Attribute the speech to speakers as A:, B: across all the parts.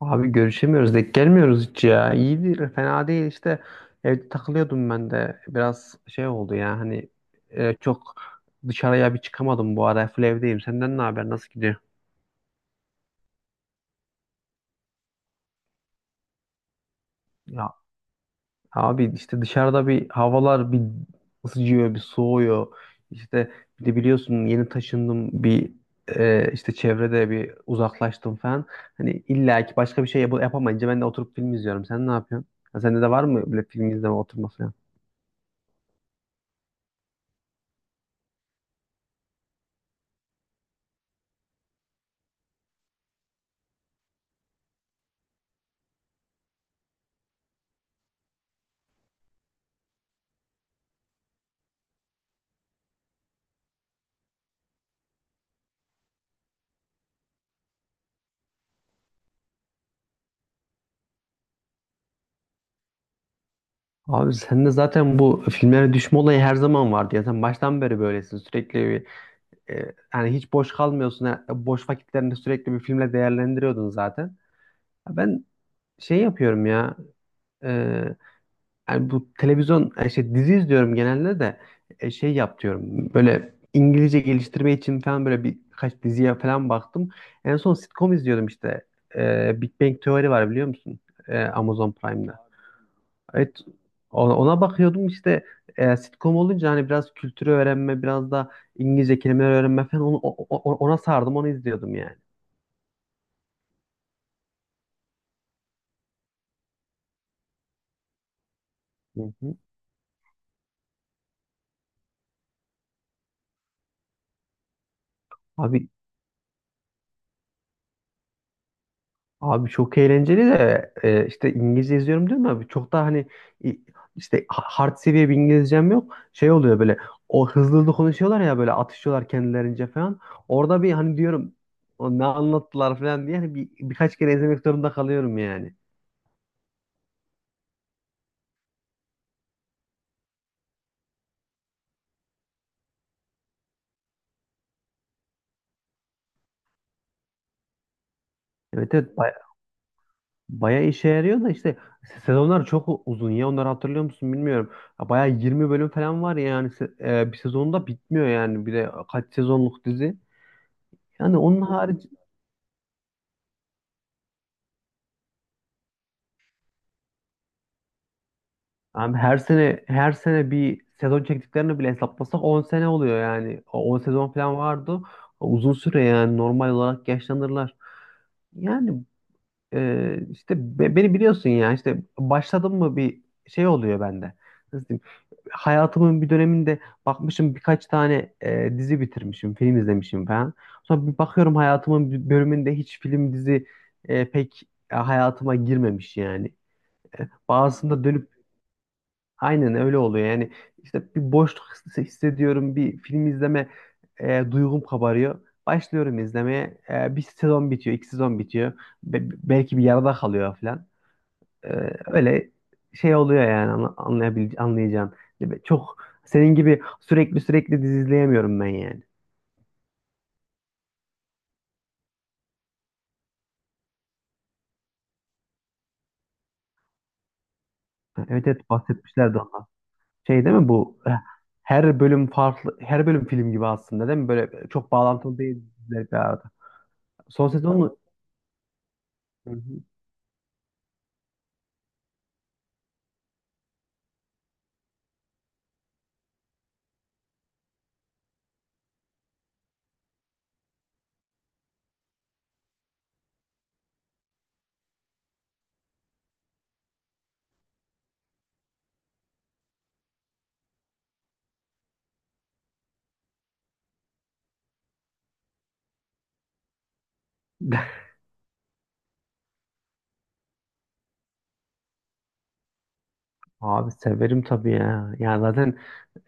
A: Abi görüşemiyoruz, denk gelmiyoruz hiç ya. İyi değil, fena değil işte, evde takılıyordum. Ben de biraz şey oldu ya hani, çok dışarıya bir çıkamadım bu ara, full evdeyim. Senden ne haber, nasıl gidiyor? Ya abi işte dışarıda bir havalar bir ısıcıyor bir soğuyor. İşte bir de biliyorsun yeni taşındım bir işte çevrede bir uzaklaştım falan. Hani illa ki başka bir şey yapamayınca ben de oturup film izliyorum. Sen ne yapıyorsun? Ha, sende de var mı böyle film izleme oturması? Abi sende zaten bu filmlere düşme olayı her zaman vardı ya. Sen baştan beri böylesin. Sürekli bir yani hiç boş kalmıyorsun. Ha, boş vakitlerini sürekli bir filmle değerlendiriyordun zaten. Ha, ben şey yapıyorum ya. e, Yani bu televizyon, şey, dizi izliyorum genelde. De şey yap diyorum. Böyle İngilizce geliştirme için falan böyle birkaç diziye falan baktım. En son sitcom izliyordum işte. E, Big Bang Theory var, biliyor musun? E, Amazon Prime'da. Evet, ona bakıyordum işte. Sitcom olunca hani biraz kültürü öğrenme, biraz da İngilizce kelimeler öğrenme falan, onu, ona sardım, onu izliyordum yani. Hı hı. Abi abi çok eğlenceli de işte İngilizce izliyorum değil mi abi? Çok da hani e, işte hard seviye bir İngilizcem yok. Şey oluyor böyle, o hızlı hızlı konuşuyorlar ya, böyle atışıyorlar kendilerince falan. Orada bir hani diyorum, "O ne anlattılar" falan diye hani bir, birkaç kere izlemek zorunda kalıyorum yani. Evet evet, bayağı işe yarıyor da işte sezonlar çok uzun ya, onları hatırlıyor musun bilmiyorum. Ya bayağı 20 bölüm falan var ya, yani bir sezonda bitmiyor yani, bir de kaç sezonluk dizi. Yani onun harici abi, her sene her sene bir sezon çektiklerini bile hesaplasak 10 sene oluyor yani. O 10 sezon falan vardı. Uzun süre, yani normal olarak yaşlanırlar. Yani işte beni biliyorsun ya, işte başladım mı bir şey oluyor bende. Nasıl diyeyim? Hayatımın bir döneminde bakmışım, birkaç tane dizi bitirmişim, film izlemişim falan. Sonra bir bakıyorum hayatımın bir bölümünde hiç film, dizi, pek hayatıma girmemiş yani. E, bazısında dönüp aynen öyle oluyor yani. İşte bir boşluk hissediyorum, bir film izleme duygum kabarıyor. Başlıyorum izlemeye. E, bir sezon bitiyor, iki sezon bitiyor. Be- Belki bir yarıda kalıyor falan. Ee, Öyle şey oluyor yani, anla- anlayabil anlayacağın gibi. Çok senin gibi sürekli dizi izleyemiyorum ben yani. Ha, evet evet, bahsetmişlerdi ondan. Şey değil mi bu? Her bölüm farklı, her bölüm film gibi aslında değil mi? Böyle çok bağlantılı değil diziler bir arada. Son sezon mu? Hı hı. Abi severim tabii ya. Yani zaten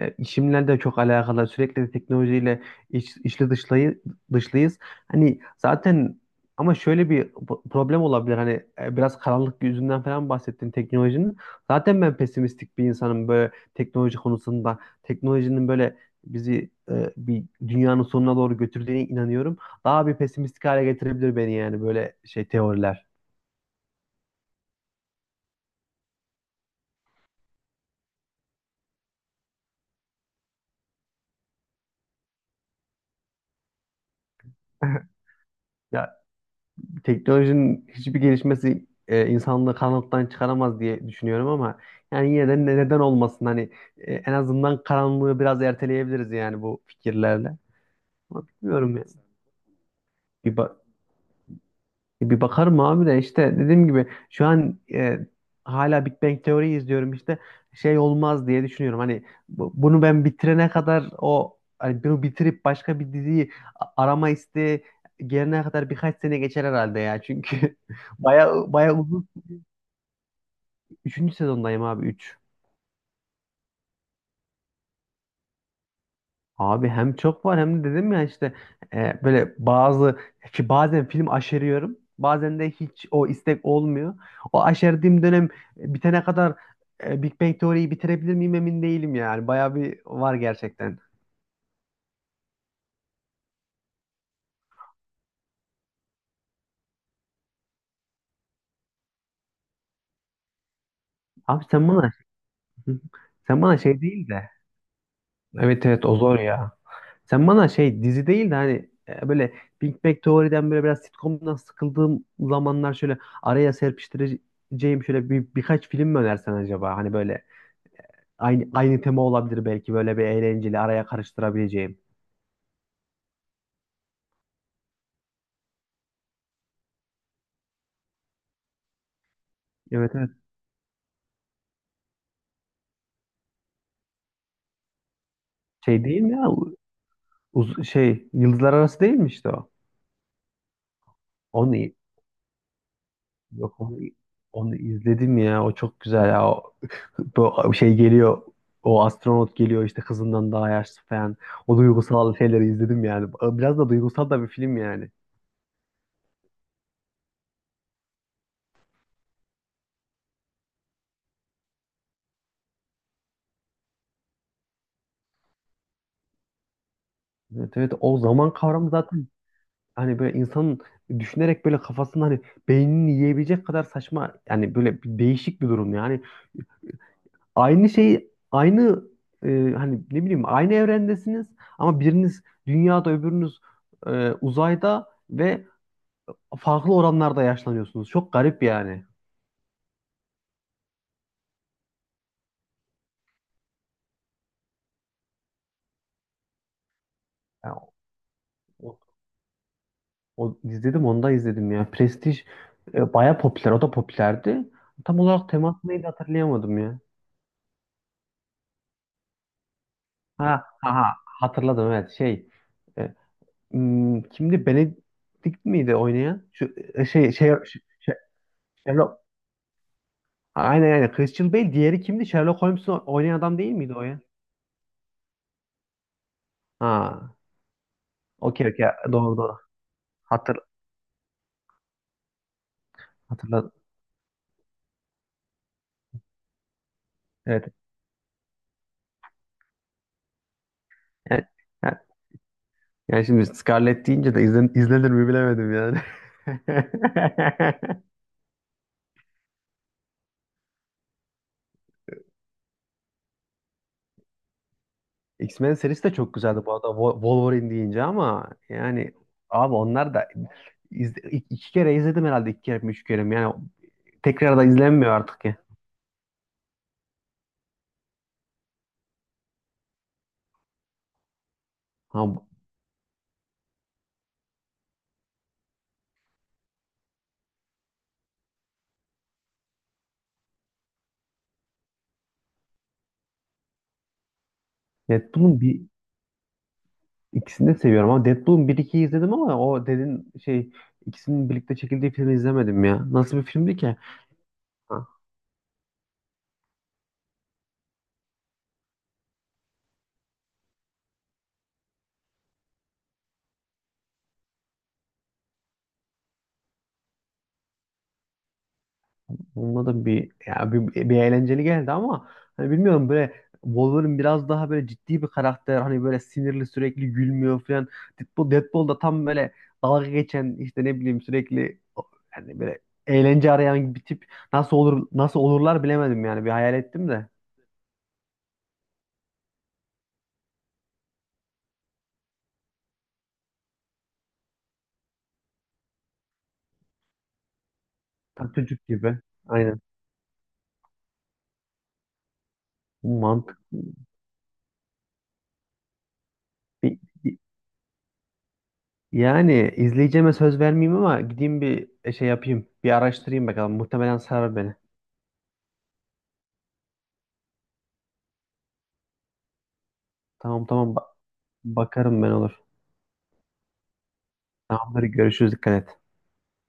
A: işimle de çok alakalı. Sürekli de teknolojiyle iç, içli dışlayı, dışlıyız. Hani zaten, ama şöyle bir problem olabilir. Hani biraz karanlık yüzünden falan bahsettin teknolojinin. Zaten ben pesimistik bir insanım böyle teknoloji konusunda. Teknolojinin böyle bizi bir dünyanın sonuna doğru götürdüğüne inanıyorum. Daha bir pesimistik hale getirebilir beni yani, böyle şey teoriler. Ya teknolojinin hiçbir gelişmesi insanlığı karanlıktan çıkaramaz diye düşünüyorum, ama yani yine de neden olmasın hani, en azından karanlığı biraz erteleyebiliriz yani bu fikirlerle. Ama bilmiyorum ya. Bir, ba- Bir bakarım abi, de işte dediğim gibi şu an hala Big Bang Teori izliyorum işte, şey olmaz diye düşünüyorum. Hani bunu ben bitirene kadar, o hani bunu bitirip başka bir diziyi arama isteği gelene kadar birkaç sene geçer herhalde ya. Çünkü baya baya uzun. Üçüncü sezondayım abi, üç. Abi hem çok var hem de dedim ya işte böyle bazı, ki bazen film aşeriyorum. Bazen de hiç o istek olmuyor. O aşerdiğim dönem bitene kadar Big Bang Theory'yi bitirebilir miyim emin değilim yani. Bayağı bir var gerçekten. Abi sen bana sen bana şey değil de. Evet evet, o zor ya. Sen bana şey dizi değil de hani böyle Big Bang Teori'den böyle biraz sitcom'dan sıkıldığım zamanlar şöyle araya serpiştireceğim şöyle bir, birkaç film mi önersen acaba? Hani böyle aynı tema olabilir belki, böyle bir eğlenceli araya karıştırabileceğim. Evet evet. Şey değil mi ya? Şey, Yıldızlar Arası değil mi işte o? Onu, Yok onu, onu izledim ya. O çok güzel ya. O, bu şey geliyor. O astronot geliyor işte kızından daha yaşlı falan. O duygusal şeyleri izledim yani. Biraz da duygusal da bir film yani. Evet evet, o zaman kavramı zaten hani böyle insanın düşünerek böyle kafasını hani beynini yiyebilecek kadar saçma yani, böyle bir değişik bir durum yani. Aynı şey, aynı e, hani ne bileyim, aynı evrendesiniz ama biriniz dünyada öbürünüz uzayda ve farklı oranlarda yaşlanıyorsunuz. Çok garip yani. Yani o, o izledim, onu da izledim ya. Prestij baya popüler, o da popülerdi. Tam olarak teması neydi hatırlayamadım ya. Ha, Hatırladım, evet şey. e, Kimdi? Benedict miydi oynayan? Şu Sherlock. Aynen aynen. Christian Bale, diğeri kimdi? Sherlock Holmes'u oynayan adam değil miydi o ya? Ha. Okey okey. Doğru doğru. Hatır, Hatırladım. Evet. Evet. Yani şimdi Scarlett deyince de izlenir mi bilemedim yani. X-Men serisi de çok güzeldi bu arada, Wolverine deyince, ama yani abi onlar da iki kere izledim herhalde, iki kere mi üç kere mi, yani tekrar da izlenmiyor artık ya. Ha, Deadpool'un bir ikisini de seviyorum, ama Deadpool'un bir ikiyi izledim, ama o dedin şey, ikisinin birlikte çekildiği filmi izlemedim ya. Nasıl bir filmdi ki? Onunla da bir ya bir, bir eğlenceli geldi, ama hani bilmiyorum, böyle Wolverine biraz daha böyle ciddi bir karakter, hani böyle sinirli, sürekli gülmüyor falan. Deadpool da tam böyle dalga geçen, işte ne bileyim, sürekli, yani böyle eğlence arayan bir tip. Nasıl olurlar bilemedim yani, bir hayal ettim de tam çocuk gibi, aynen mantık, bir, bir- yani izleyeceğime söz vermeyeyim ama gideyim bir şey yapayım, bir araştırayım bakalım, muhtemelen sarar beni. Tamam, tamam, bakarım ben, olur. Tamamdır. Görüşürüz. Dikkat et.